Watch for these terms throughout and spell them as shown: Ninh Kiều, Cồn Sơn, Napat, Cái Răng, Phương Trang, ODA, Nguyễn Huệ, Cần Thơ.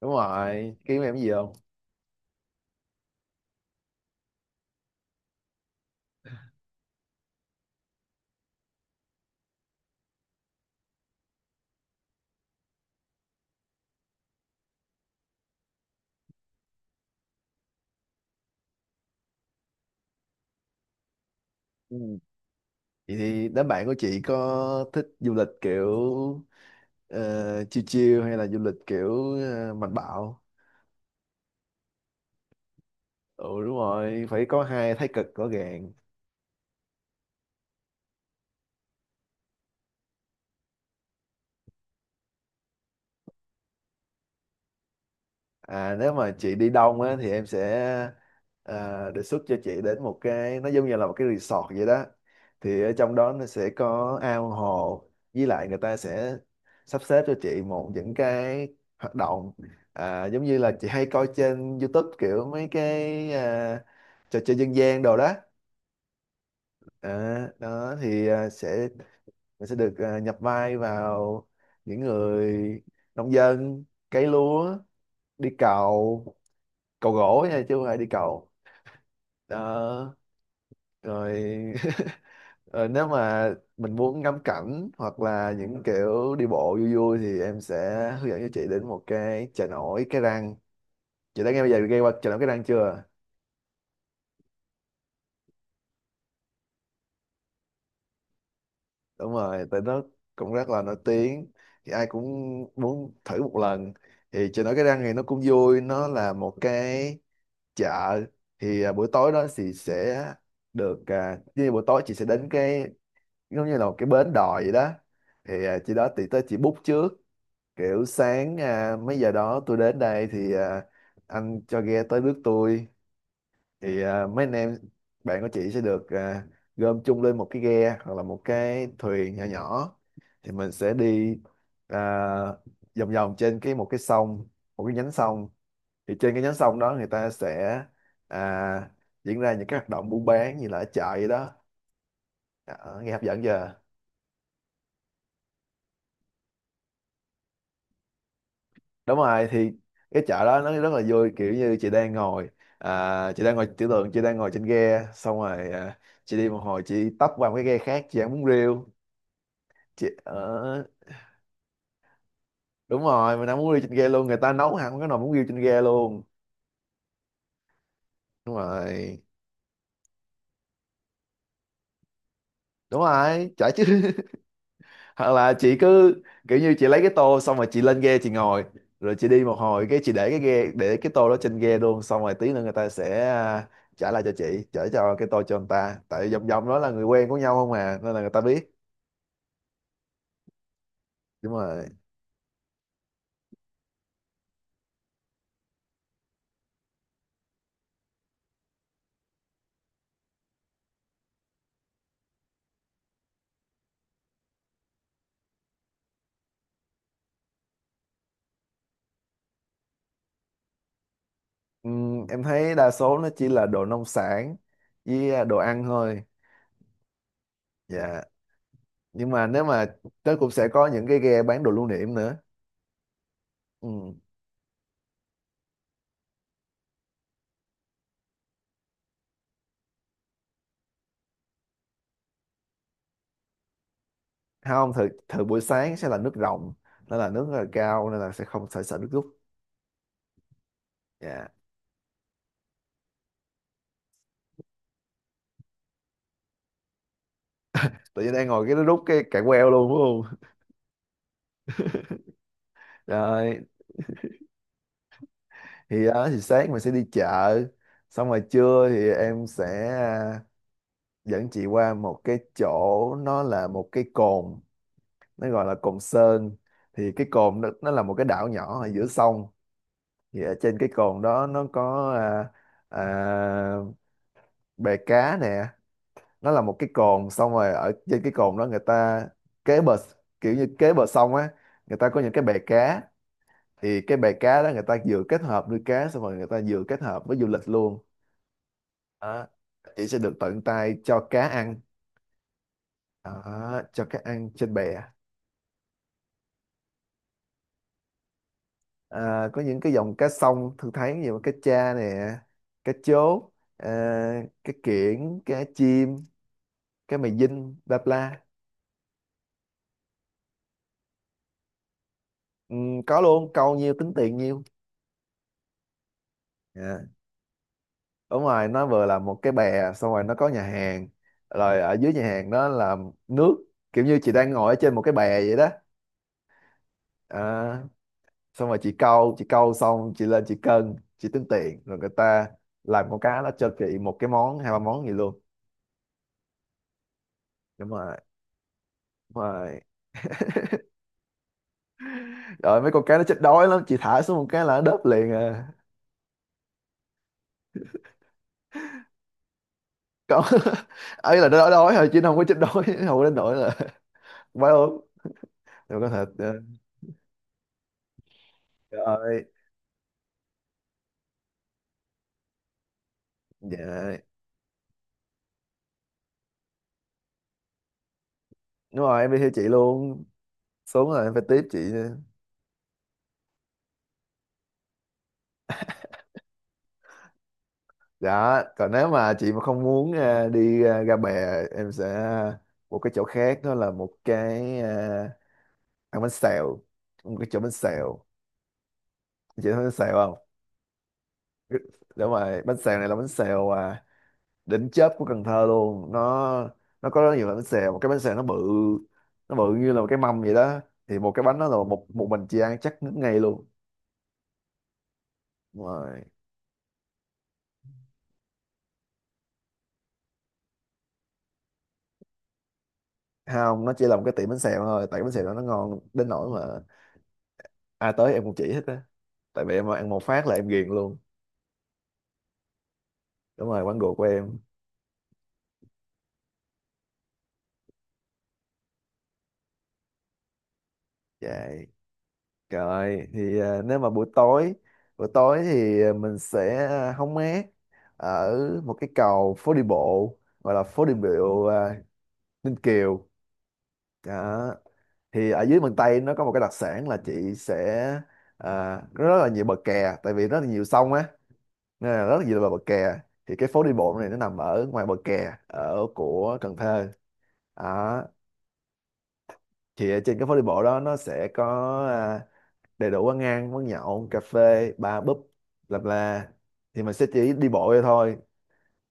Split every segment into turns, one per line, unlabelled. Đúng rồi, kiếm em cái gì không? Ừ, vậy thì đám bạn của chị có thích du lịch kiểu ờ, chill chill hay là du lịch kiểu mạnh bạo? Ừ, đúng rồi, phải có hai thái cực rõ ràng. Nếu mà chị đi đông á thì em sẽ đề xuất cho chị đến một cái nó giống như là một cái resort vậy đó. Thì ở trong đó nó sẽ có ao hồ, với lại người ta sẽ sắp xếp cho chị một những cái hoạt động, giống như là chị hay coi trên YouTube kiểu mấy cái trò chơi dân gian đồ đó. Đó thì sẽ mình sẽ được nhập vai vào những người nông dân, cấy lúa, đi cày, cầu gỗ nha chứ không phải đi cầu. Đó rồi. Ờ, nếu mà mình muốn ngắm cảnh hoặc là những kiểu đi bộ vui vui thì em sẽ hướng dẫn cho chị đến một cái chợ nổi Cái Răng. Chị đã nghe bây giờ nghe qua chợ nổi Cái Răng chưa? Đúng rồi, tại nó cũng rất là nổi tiếng. Thì ai cũng muốn thử một lần. Thì chợ nổi Cái Răng thì nó cũng vui, nó là một cái chợ. Thì buổi tối đó thì sẽ được như buổi tối chị sẽ đến cái giống như là một cái bến đò vậy đó. Thì chị đó thì tới chị book trước, kiểu sáng mấy giờ đó tôi đến đây thì anh cho ghe tới rước tôi. Thì mấy anh em bạn của chị sẽ được gom chung lên một cái ghe hoặc là một cái thuyền nhỏ nhỏ. Thì mình sẽ đi à, vòng vòng trên cái một cái sông, một cái nhánh sông. Thì trên cái nhánh sông đó người ta sẽ à, diễn ra những cái hoạt động buôn bán như là ở chợ vậy đó. Ờ, nghe hấp dẫn chưa? Đúng rồi, thì cái chợ đó nó rất là vui, kiểu như chị đang ngồi chị đang ngồi tưởng tượng chị đang ngồi trên ghe, xong rồi chị đi một hồi chị tấp qua một cái ghe khác chị ăn bún riêu. Chị ở. Đúng rồi, mình ăn bún riêu trên ghe luôn, người ta nấu hẳn cái nồi bún riêu trên ghe luôn. Đúng rồi. Đúng rồi, chợ chứ. Hoặc là chị cứ kiểu như chị lấy cái tô xong rồi chị lên ghe chị ngồi, rồi chị đi một hồi cái chị để cái ghe, để cái tô đó trên ghe luôn, xong rồi tí nữa người ta sẽ trả lại cho chị, trả cho cái tô cho người ta, tại vòng vòng đó là người quen của nhau không à, nên là người ta biết. Đúng rồi. Em thấy đa số nó chỉ là đồ nông sản với đồ ăn thôi. Dạ. Nhưng mà nếu mà nó cũng sẽ có những cái ghe bán đồ lưu niệm nữa. Ừm. Không, thời thời buổi sáng sẽ là nước rồng, nó là nước rất là cao nên là sẽ không phải sợ nước rút. Dạ. Tự nhiên đang ngồi cái nó rút cái cạn queo luôn đúng không? Rồi thì đó thì sáng mình sẽ đi chợ, xong rồi trưa thì em sẽ à, dẫn chị qua một cái chỗ, nó là một cái cồn, nó gọi là cồn Sơn. Thì cái cồn nó là một cái đảo nhỏ ở giữa sông. Thì ở trên cái cồn đó nó có à, bè cá nè. Nó là một cái cồn, xong rồi ở trên cái cồn đó người ta kế bờ, kiểu như kế bờ sông á, người ta có những cái bè cá. Thì cái bè cá đó người ta vừa kết hợp nuôi cá, xong rồi người ta vừa kết hợp với du lịch luôn đó. Chị sẽ được tận tay cho cá ăn đó, cho cá ăn trên bè. Có những cái dòng cá sông thường thấy như cá cha nè, cá chốt, à, cá kiển, cá chim, cá mè dinh, bla bla. Ừ, có luôn, câu nhiêu tính tiền nhiêu. Dạ. Đúng rồi, nó vừa là một cái bè, xong rồi nó có nhà hàng, rồi ở dưới nhà hàng đó là nước, kiểu như chị đang ngồi ở trên một cái bè vậy đó. À, Xong rồi chị câu, chị câu xong chị lên chị cân chị tính tiền, rồi người ta làm con cá, nó cho chị một cái món hai ba món gì luôn. Đúng rồi. Đúng rồi, rồi mấy con cá nó chết đói lắm, chị thả xuống một cái là nó đớp liền à. Có. Ấy là nó đói đói thôi chứ nó không có chết đói, không đến nỗi là quá ốm. Rồi, có thật trời ơi. Dạ, đúng rồi em đi theo chị luôn, xuống là em phải tiếp chị. Dạ, còn nếu mà chị mà không muốn đi ra bè, em sẽ một cái chỗ khác, đó là một cái ăn bánh xèo, một cái chỗ bánh xèo. Chị thấy bánh xèo không? Đúng rồi, bánh xèo này là bánh xèo đỉnh chớp của Cần Thơ luôn. Nó có rất nhiều loại bánh xèo, một cái bánh xèo nó bự, nó bự như là một cái mâm vậy đó. Thì một cái bánh đó là một một mình chị ăn chắc ngất ngay luôn. Đúng rồi. Không, nó chỉ là một cái tiệm bánh xèo thôi, tại cái bánh xèo đó nó ngon đến nỗi mà ai tới em cũng chỉ hết á, tại vì em ăn một phát là em ghiền luôn. Đúng rồi, quán ruột của em. Dạ. Rồi thì nếu mà buổi tối, buổi tối thì mình sẽ hóng mát ở một cái cầu phố đi bộ, gọi là phố đi bộ Ninh Kiều đó. Thì ở dưới miền Tây nó có một cái đặc sản là chị sẽ có rất là nhiều bờ kè, tại vì rất là nhiều sông á, nên là rất là nhiều bờ bờ kè. Thì cái phố đi bộ này nó nằm ở ngoài bờ kè ở của Cần Thơ đó. Thì ở trên cái phố đi bộ đó nó sẽ có ờ, đầy đủ quán ăn, quán nhậu, cà phê, bar, pub, bla bla. Thì mình sẽ chỉ đi bộ ra thôi,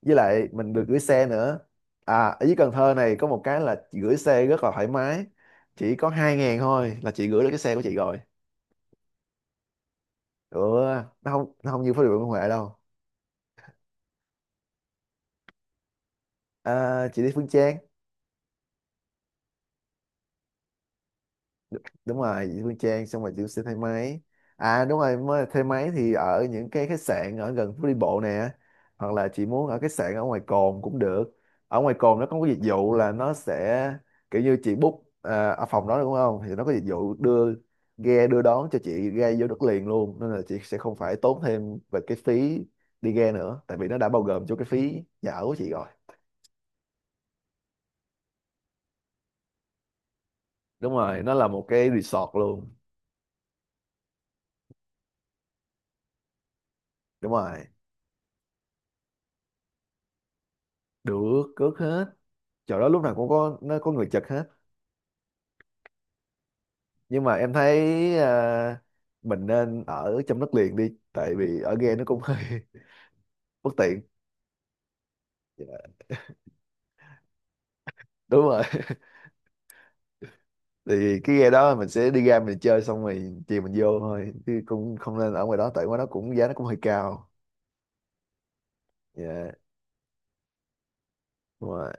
với lại mình được gửi xe nữa. À, ở dưới Cần Thơ này có một cái là chị gửi xe rất là thoải mái, chỉ có 2.000 thôi là chị gửi được cái xe của chị rồi. Ừ, nó không như phố đi bộ Nguyễn Huệ đâu. À, chị đi Phương Trang. Đúng rồi, chị Phương Trang xong rồi chị sẽ thay máy. À, đúng rồi, mới thay máy thì ở những cái khách sạn ở gần phố đi bộ nè, hoặc là chị muốn ở khách sạn ở ngoài cồn cũng được. Ở ngoài cồn nó có cái dịch vụ là nó sẽ kiểu như chị book ở phòng đó đúng không, thì nó có dịch vụ đưa ghe đưa đón cho chị, ghe vô đất liền luôn, nên là chị sẽ không phải tốn thêm về cái phí đi ghe nữa, tại vì nó đã bao gồm cho cái phí nhà ở của chị rồi. Đúng rồi, nó là một cái resort luôn. Đúng rồi. Được, cước hết. Chỗ đó lúc nào cũng có, nó có người Nhật hết. Nhưng mà em thấy à, mình nên ở trong đất liền đi, tại vì ở ghe nó cũng hơi bất tiện. Dạ, đúng rồi. Thì cái ghe đó mình sẽ đi ra mình chơi xong rồi chiều mình vô thôi, chứ cũng không nên ở ngoài đó, tại ngoài đó cũng giá nó cũng hơi cao. Dạ. Đúng rồi.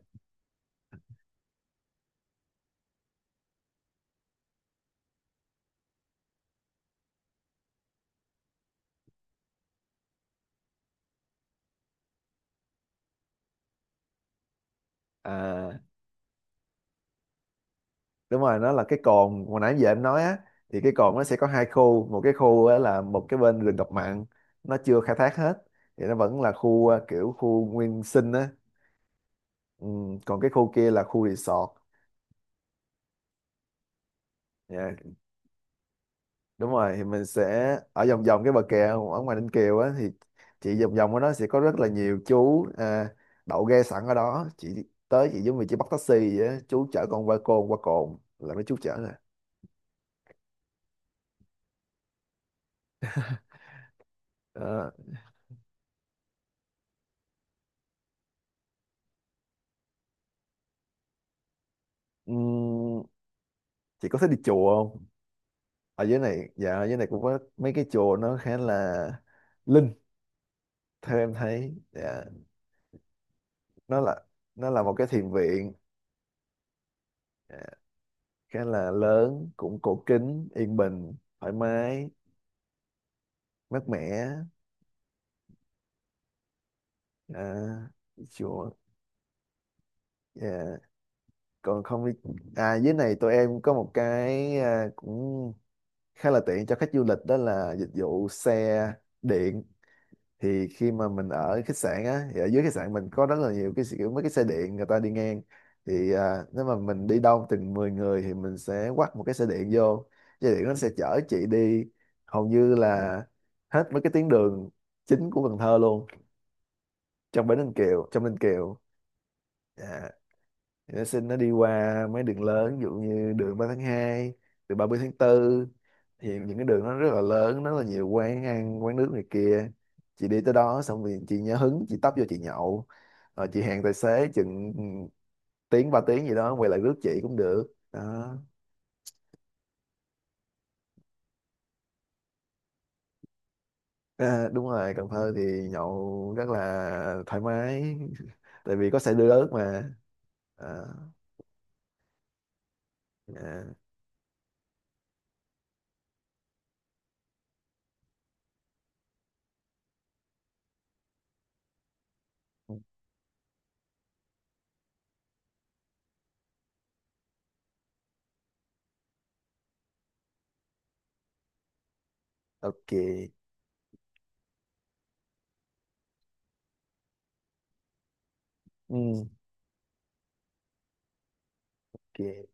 à, Đúng rồi, nó là cái cồn hồi nãy giờ em nói á. Thì cái cồn nó sẽ có hai khu, một cái khu á, là một cái bên rừng ngập mặn, nó chưa khai thác hết, thì nó vẫn là khu kiểu khu nguyên sinh á. Ừ, còn cái khu kia là khu resort. Dạ, đúng rồi, thì mình sẽ ở vòng vòng cái bờ kè ở ngoài Ninh Kiều á, thì chị vòng vòng ở đó sẽ có rất là nhiều chú đậu ghe sẵn ở đó, chị tới chị giống như chị bắt taxi vậy á, chú chở con qua cồn, qua cồn là mấy chú chở nè. Đó. Ừm, chị có thích đi chùa không? Ở dưới này, dạ, ở dưới này cũng có mấy cái chùa nó khá là linh theo em thấy, dạ. Nó là nó là một cái thiền viện. Dạ, khá là lớn, cũng cổ kính, yên bình, thoải mái, mát mẻ. à, Chùa. Dạ. Còn không biết, dưới này tụi em có một cái cũng khá là tiện cho khách du lịch, đó là dịch vụ xe điện. Thì khi mà mình ở khách sạn á thì ở dưới khách sạn mình có rất là nhiều cái kiểu mấy cái xe điện người ta đi ngang. Thì nếu mà mình đi đông từng 10 người thì mình sẽ quắt một cái xe điện vô. Xe điện nó sẽ chở chị đi hầu như là hết mấy cái tuyến đường chính của Cần Thơ luôn, trong Bến Ninh Kiều, trong Ninh Kiều. À. Thì nó xin nó đi qua mấy đường lớn, ví dụ như đường 3/2, đường 30/4. Thì những cái đường nó rất là lớn, rất là nhiều quán ăn, quán nước này kia, chị đi tới đó xong rồi chị nhớ hứng chị tấp vô chị nhậu, rồi chị hẹn tài xế chừng tiếng 3 tiếng gì đó quay lại rước chị cũng được đó. Đúng rồi, Cần Thơ thì nhậu rất là thoải mái. Tại vì có xe đưa rước mà. à, à, ok. Ừ, ok.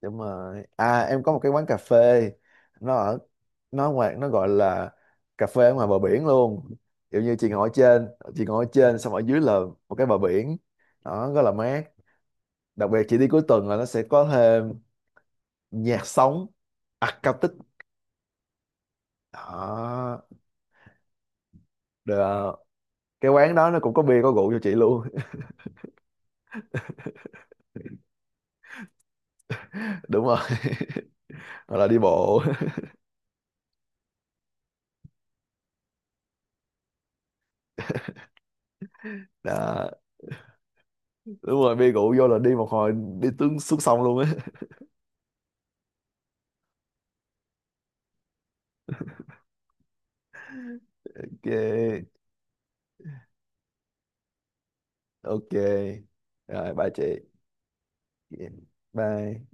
Đúng rồi, em có một cái quán cà phê, nó ở, nó ngoài, nó gọi là cà phê ở ngoài bờ biển luôn, kiểu như chị ngồi ở trên, chị ngồi ở trên xong ở dưới là một cái bờ biển đó rất là mát. Đặc biệt chị đi cuối tuần là nó sẽ có thêm nhạc sống acoustic đó. Được, cái quán đó nó cũng có bia có rượu cho chị luôn. Đúng rồi. Hoặc là đi bộ. Đó, đúng rồi, bia rượu vô là đi một hồi đi tướng xuống sông luôn á. Ok, ok rồi, bye chị. Yeah. Bye.